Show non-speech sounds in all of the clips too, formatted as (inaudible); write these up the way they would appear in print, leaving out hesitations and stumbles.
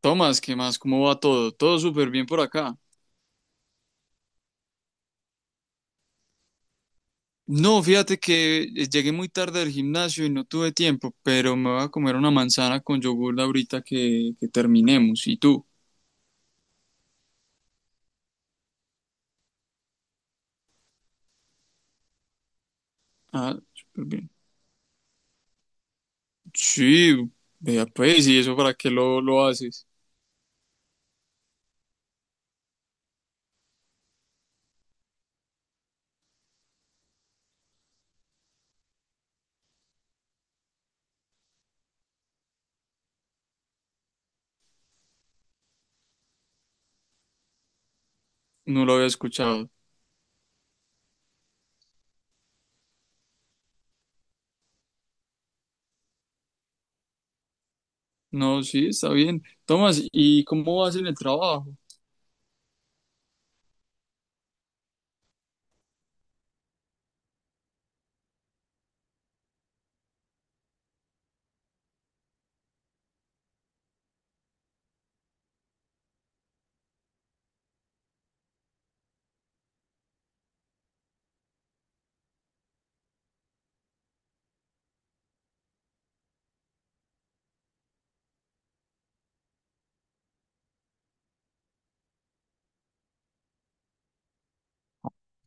Tomás, ¿qué más? ¿Cómo va todo? Todo súper bien por acá. No, fíjate que llegué muy tarde del gimnasio y no tuve tiempo, pero me voy a comer una manzana con yogur ahorita que terminemos. ¿Y tú? Ah, súper bien. Sí, vea pues, ¿y eso para qué lo haces? No lo había escuchado. No, sí, está bien. Tomás, ¿y cómo vas en el trabajo?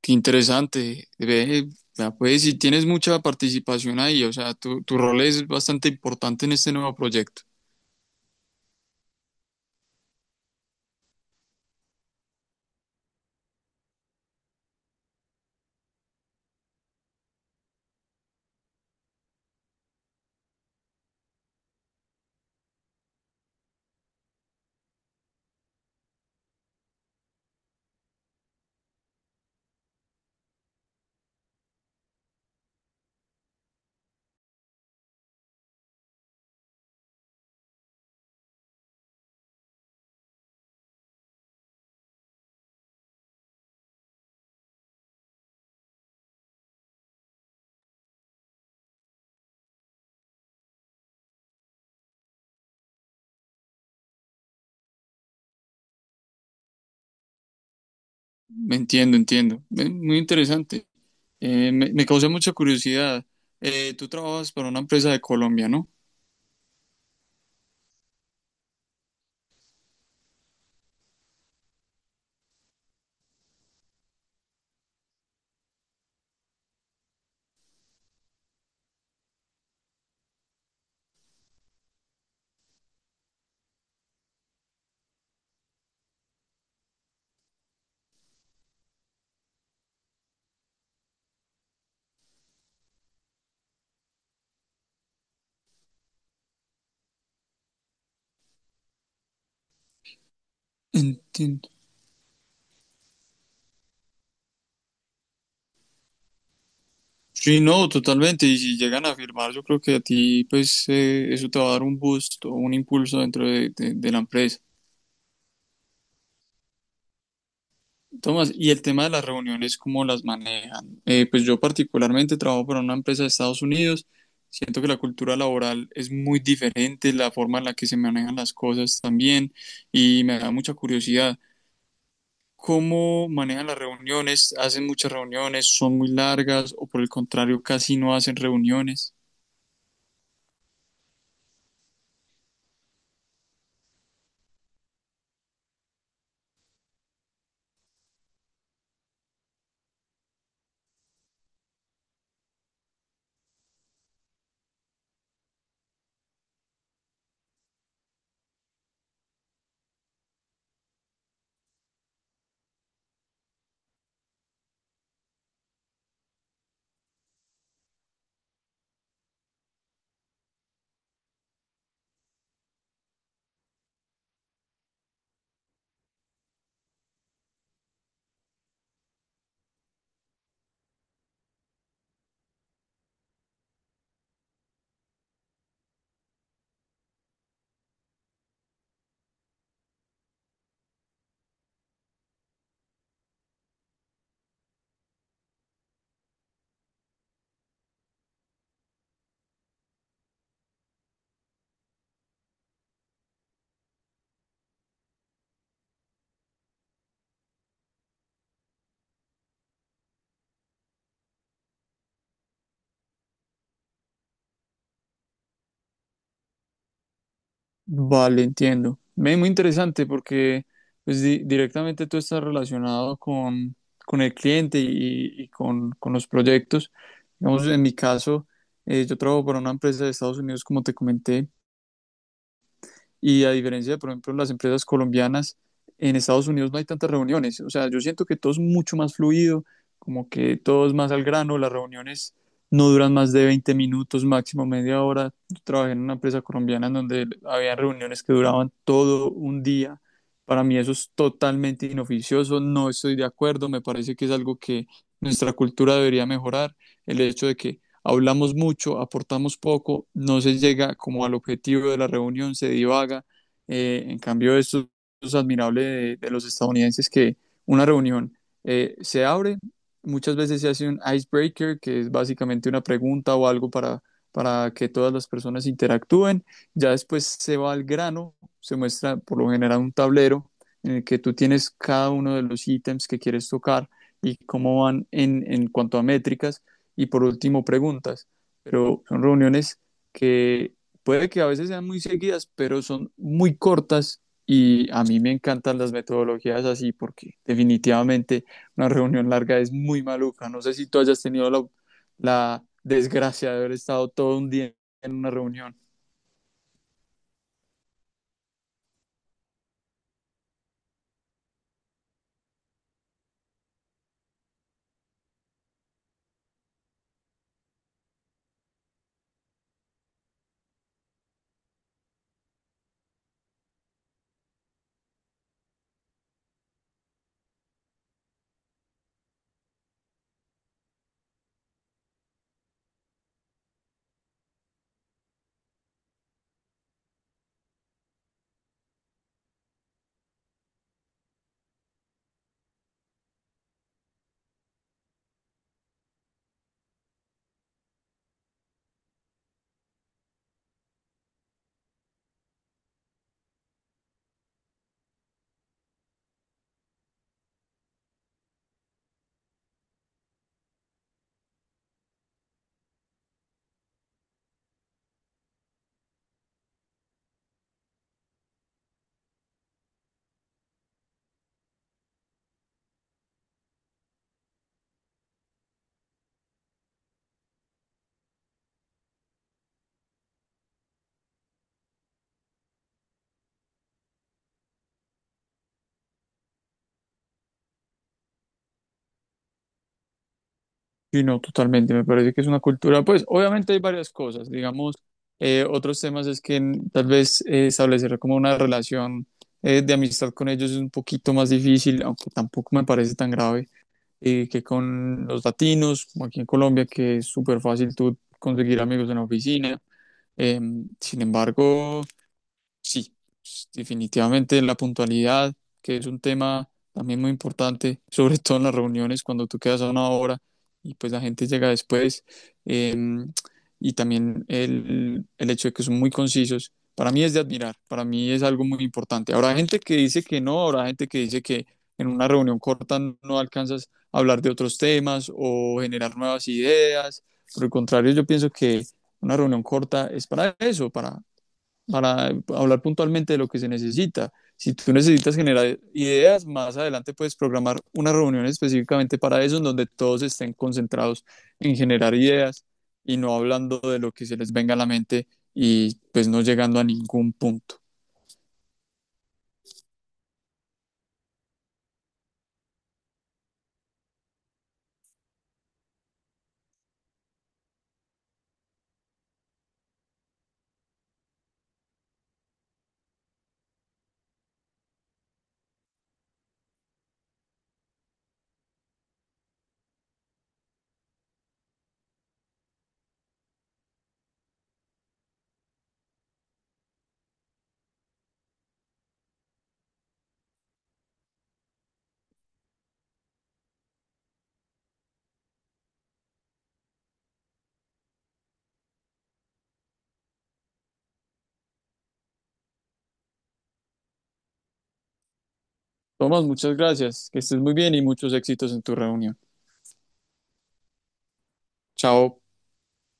Qué interesante. Ve, vea pues, si tienes mucha participación ahí, o sea, tu rol es bastante importante en este nuevo proyecto. Entiendo, entiendo. Muy interesante. Me causa mucha curiosidad. Tú trabajas para una empresa de Colombia, ¿no? Entiendo. Sí, no, totalmente. Y si llegan a firmar, yo creo que a ti, pues, eso te va a dar un boost o un impulso dentro de, de la empresa. Tomás, y el tema de las reuniones, ¿cómo las manejan? Pues yo particularmente trabajo para una empresa de Estados Unidos. Siento que la cultura laboral es muy diferente, la forma en la que se manejan las cosas también, y me da mucha curiosidad, cómo manejan las reuniones, hacen muchas reuniones, son muy largas o por el contrario casi no hacen reuniones. Vale, entiendo. Me muy interesante porque pues directamente tú estás relacionado con el cliente y con los proyectos. Digamos, en mi caso, yo trabajo para una empresa de Estados Unidos, como te comenté. Y a diferencia de, por ejemplo, las empresas colombianas, en Estados Unidos no hay tantas reuniones. O sea, yo siento que todo es mucho más fluido, como que todo es más al grano, las reuniones no duran más de 20 minutos, máximo media hora. Yo trabajé en una empresa colombiana en donde había reuniones que duraban todo un día. Para mí eso es totalmente inoficioso, no estoy de acuerdo, me parece que es algo que nuestra cultura debería mejorar, el hecho de que hablamos mucho, aportamos poco, no se llega como al objetivo de la reunión, se divaga. En cambio, esto es admirable de los estadounidenses que una reunión se abre, muchas veces se hace un icebreaker, que es básicamente una pregunta o algo para que todas las personas interactúen, ya después se va al grano, se muestra por lo general un tablero en el que tú tienes cada uno de los ítems que quieres tocar y cómo van en cuanto a métricas y por último preguntas. Pero son reuniones que puede que a veces sean muy seguidas, pero son muy cortas y a mí me encantan las metodologías así porque definitivamente una reunión larga es muy maluca. No sé si tú hayas tenido la, la desgracia de haber estado todo un día en una reunión. Sí, no, totalmente. Me parece que es una cultura. Pues obviamente hay varias cosas. Digamos, otros temas es que tal vez establecer como una relación de amistad con ellos es un poquito más difícil, aunque tampoco me parece tan grave que con los latinos, como aquí en Colombia, que es súper fácil tú conseguir amigos en la oficina. Em, sin embargo, sí, pues, definitivamente la puntualidad, que es un tema también muy importante, (laughs) sobre todo en las reuniones, cuando tú quedas a una hora y pues la gente llega después. eh, y también el hecho de que son muy concisos, para mí es de admirar, para mí es algo muy importante. Habrá gente que dice que no, habrá gente que dice que en una reunión corta no alcanzas a hablar de otros temas o generar nuevas ideas. Por el contrario, yo pienso que una reunión corta es para eso, para hablar puntualmente de lo que se necesita. Si tú necesitas generar ideas, más adelante puedes programar una reunión específicamente para eso, en donde todos estén concentrados en generar ideas y no hablando de lo que se les venga a la mente y pues no llegando a ningún punto. Tomás, muchas gracias, que estés muy bien y muchos éxitos en tu reunión. Chao.